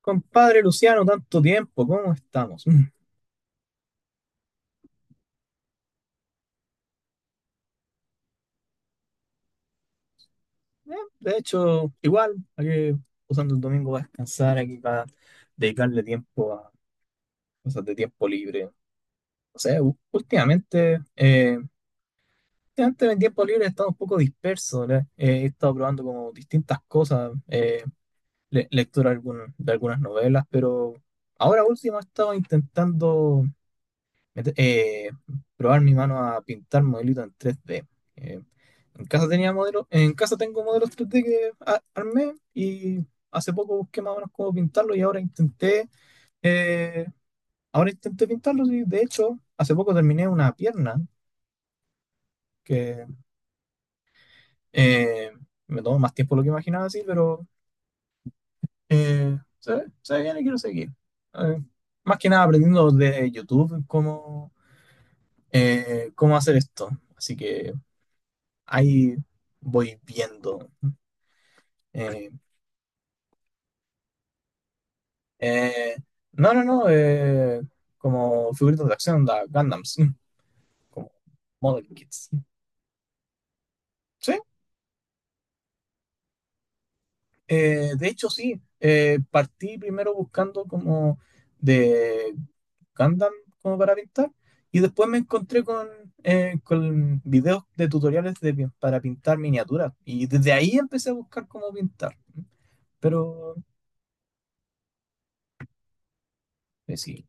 Compadre Luciano, tanto tiempo, ¿cómo estamos? Eh, de hecho, igual, hay que usando el domingo para descansar, aquí para dedicarle tiempo a cosas de tiempo libre. O sea, últimamente, últimamente en el tiempo libre he estado un poco disperso, ¿verdad? He estado probando como distintas cosas, lectura de, de algunas novelas, pero ahora último he estado intentando mete- eh, probar mi mano a pintar modelitos en 3D. Eh, en casa tenía modelos, en casa tengo modelos 3D que armé, y hace poco busqué más o menos cómo pintarlos y ahora intenté, eh, ahora intenté pintarlos, y de hecho hace poco terminé una pierna que eh, me tomó más tiempo de lo que imaginaba así, pero se ve bien y quiero seguir. Eh, Más que nada aprendiendo de YouTube cómo, cómo hacer esto. Así que ahí voy viendo. Eh, eh, no, no, no, como figuritas de acción, da Gundams, como model kits. Sí, de hecho sí, partí primero buscando como de Gundam como para pintar y después me encontré con videos de tutoriales de para pintar miniaturas, y desde ahí empecé a buscar cómo pintar. Pero sí.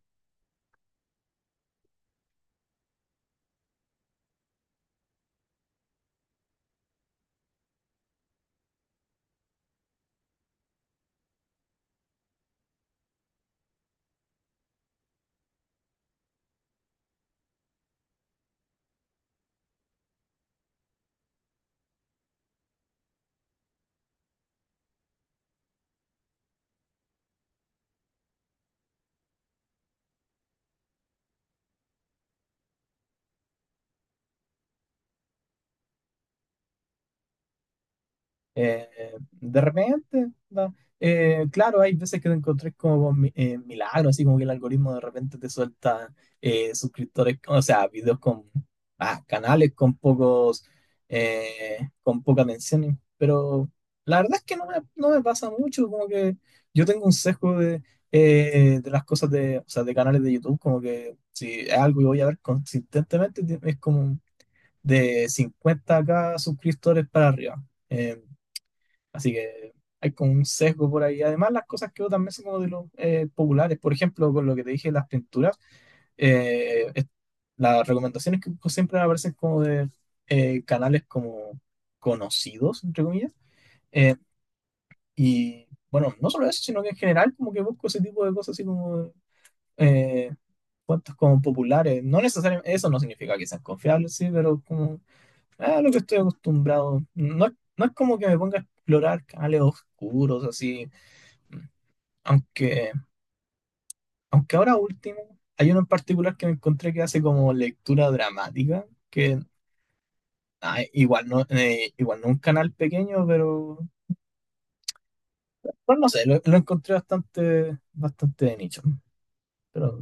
Eh, de repente, ¿no? Claro, hay veces que te encontrás como con milagros, así como que el algoritmo de repente te suelta suscriptores, o sea, videos con canales con pocos, con pocas menciones, pero la verdad es que no me pasa mucho, como que yo tengo un sesgo de las cosas de, o sea, de canales de YouTube, como que si es algo que voy a ver consistentemente, es como de 50K suscriptores para arriba. eh, Así que hay como un sesgo por ahí. Además, las cosas que también son como de los populares. Por ejemplo, con lo que te dije, las pinturas, eh, es- las recomendaciones que busco siempre me aparecen como de canales como conocidos, entre comillas. Eh, y bueno, no solo eso, sino que en general como que busco ese tipo de cosas así como eh, cuentos como populares. No necesariamente, eso no significa que sean confiables, sí, pero como lo que estoy acostumbrado. No, no es como que me ponga a explorar canales oscuros, así. Aunque, aunque ahora último, hay uno en particular que me encontré que hace como lectura dramática, que igual no un canal pequeño, pero pues no sé, lo encontré bastante, bastante de nicho. Pero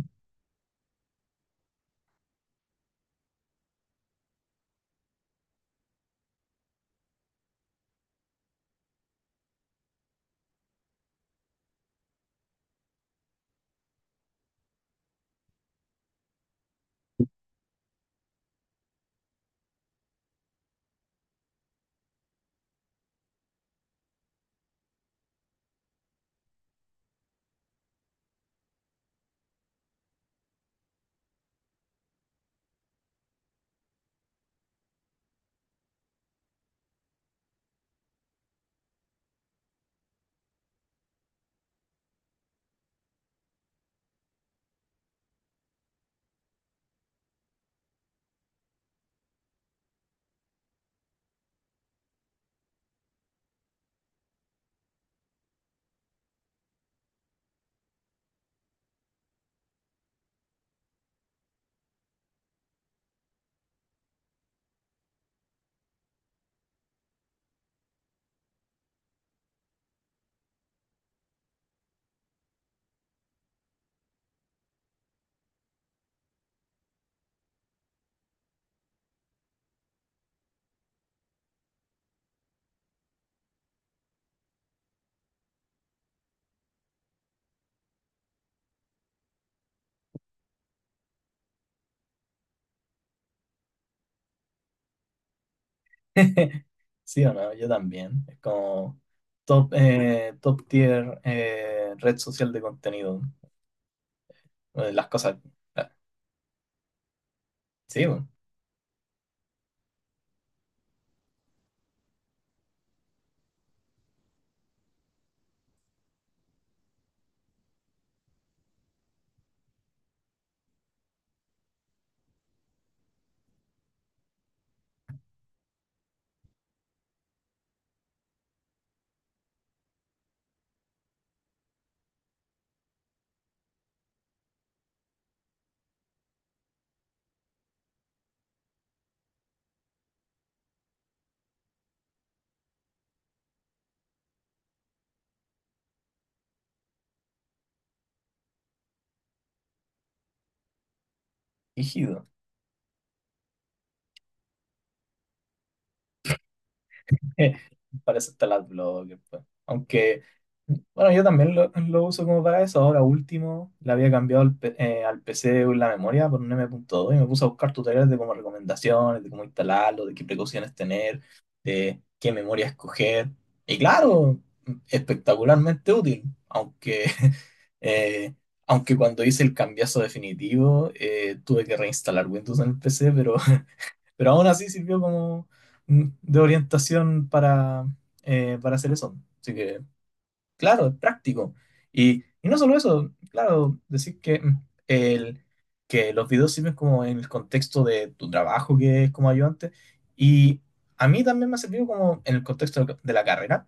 sí o no, yo también. Es como top, top tier red social de contenido. Eh, Las cosas. ah, Sí, bueno, rígido. Para eso está el adblocker, pues. Aunque, bueno, yo también lo uso como para eso. Ahora último, le había cambiado al PC la memoria por un M.2, y me puse a buscar tutoriales de como recomendaciones, de cómo instalarlo, de qué precauciones tener, de qué memoria escoger. Y claro, espectacularmente útil, aunque eh, aunque cuando hice el cambiazo definitivo, tuve que reinstalar Windows en el PC, pero aún así sirvió como de orientación para hacer eso. Así que, claro, es práctico. Y no solo eso, claro, decir que, que los videos sirven como en el contexto de tu trabajo, que es como ayudante. Y a mí también me ha servido como en el contexto de la carrera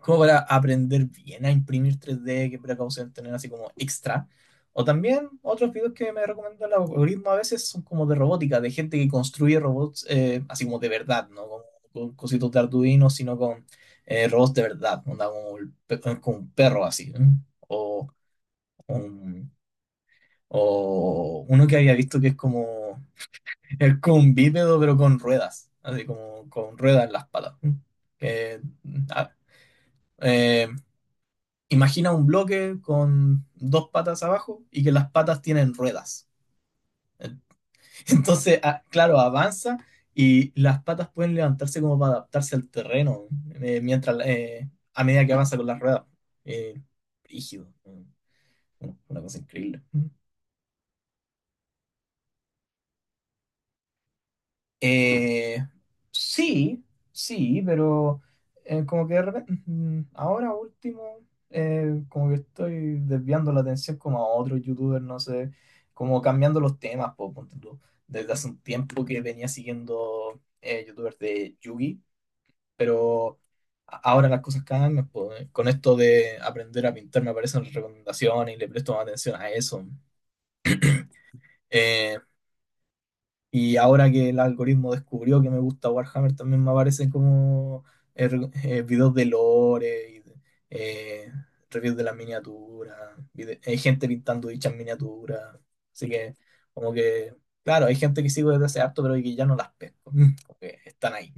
como para aprender bien a imprimir 3D, qué precaución tener así como extra. O también otros videos que me recomienda el algoritmo a veces son como de robótica, de gente que construye robots así como de verdad, ¿no? Con cositos de Arduino, sino con robots de verdad, ¿no? Onda como, el como un perro así, ¿eh? O, un- o uno que había visto que es como un bípedo pero con ruedas, así como con ruedas en las patas, ¿eh? Que, ah, eh, Imagina un bloque con dos patas abajo y que las patas tienen ruedas. Entonces, claro, avanza y las patas pueden levantarse como para adaptarse al terreno mientras a medida que avanza con las ruedas. Eh, Rígido, una cosa increíble. Eh, sí, sí, pero como que de repente, ahora último, como que estoy desviando la atención como a otros youtubers, no sé, como cambiando los temas, po, ponte tú. Desde hace un tiempo que venía siguiendo youtubers de Yugi, pero ahora las cosas cambian, po. Con esto de aprender a pintar me aparecen recomendaciones y le presto más atención a eso. Eh, y ahora que el algoritmo descubrió que me gusta Warhammer, también me aparecen como videos de lore, y eh, reviews de las miniaturas, hay gente pintando dichas miniaturas. Así que, como que, claro, hay gente que sigo desde hace harto, pero que ya no las pesco. Como que están ahí.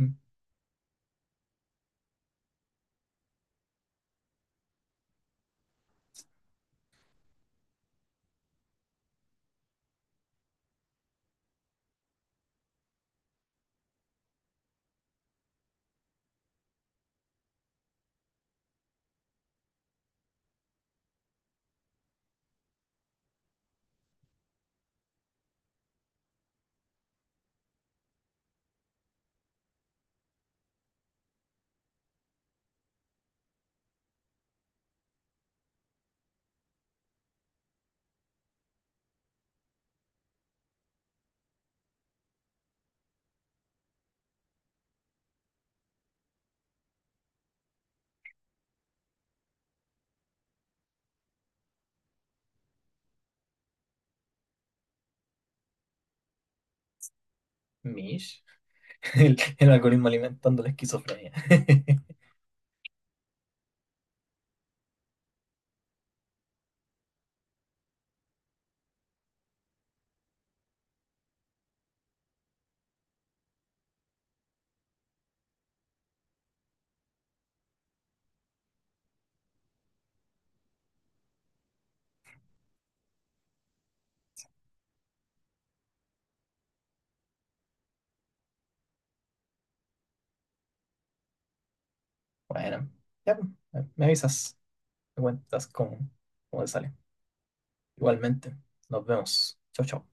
Mish. El algoritmo alimentando la esquizofrenia. Bueno, ya, pues, me avisas, me cuentas cómo, cómo te sale. Igualmente, nos vemos. Chau, chau.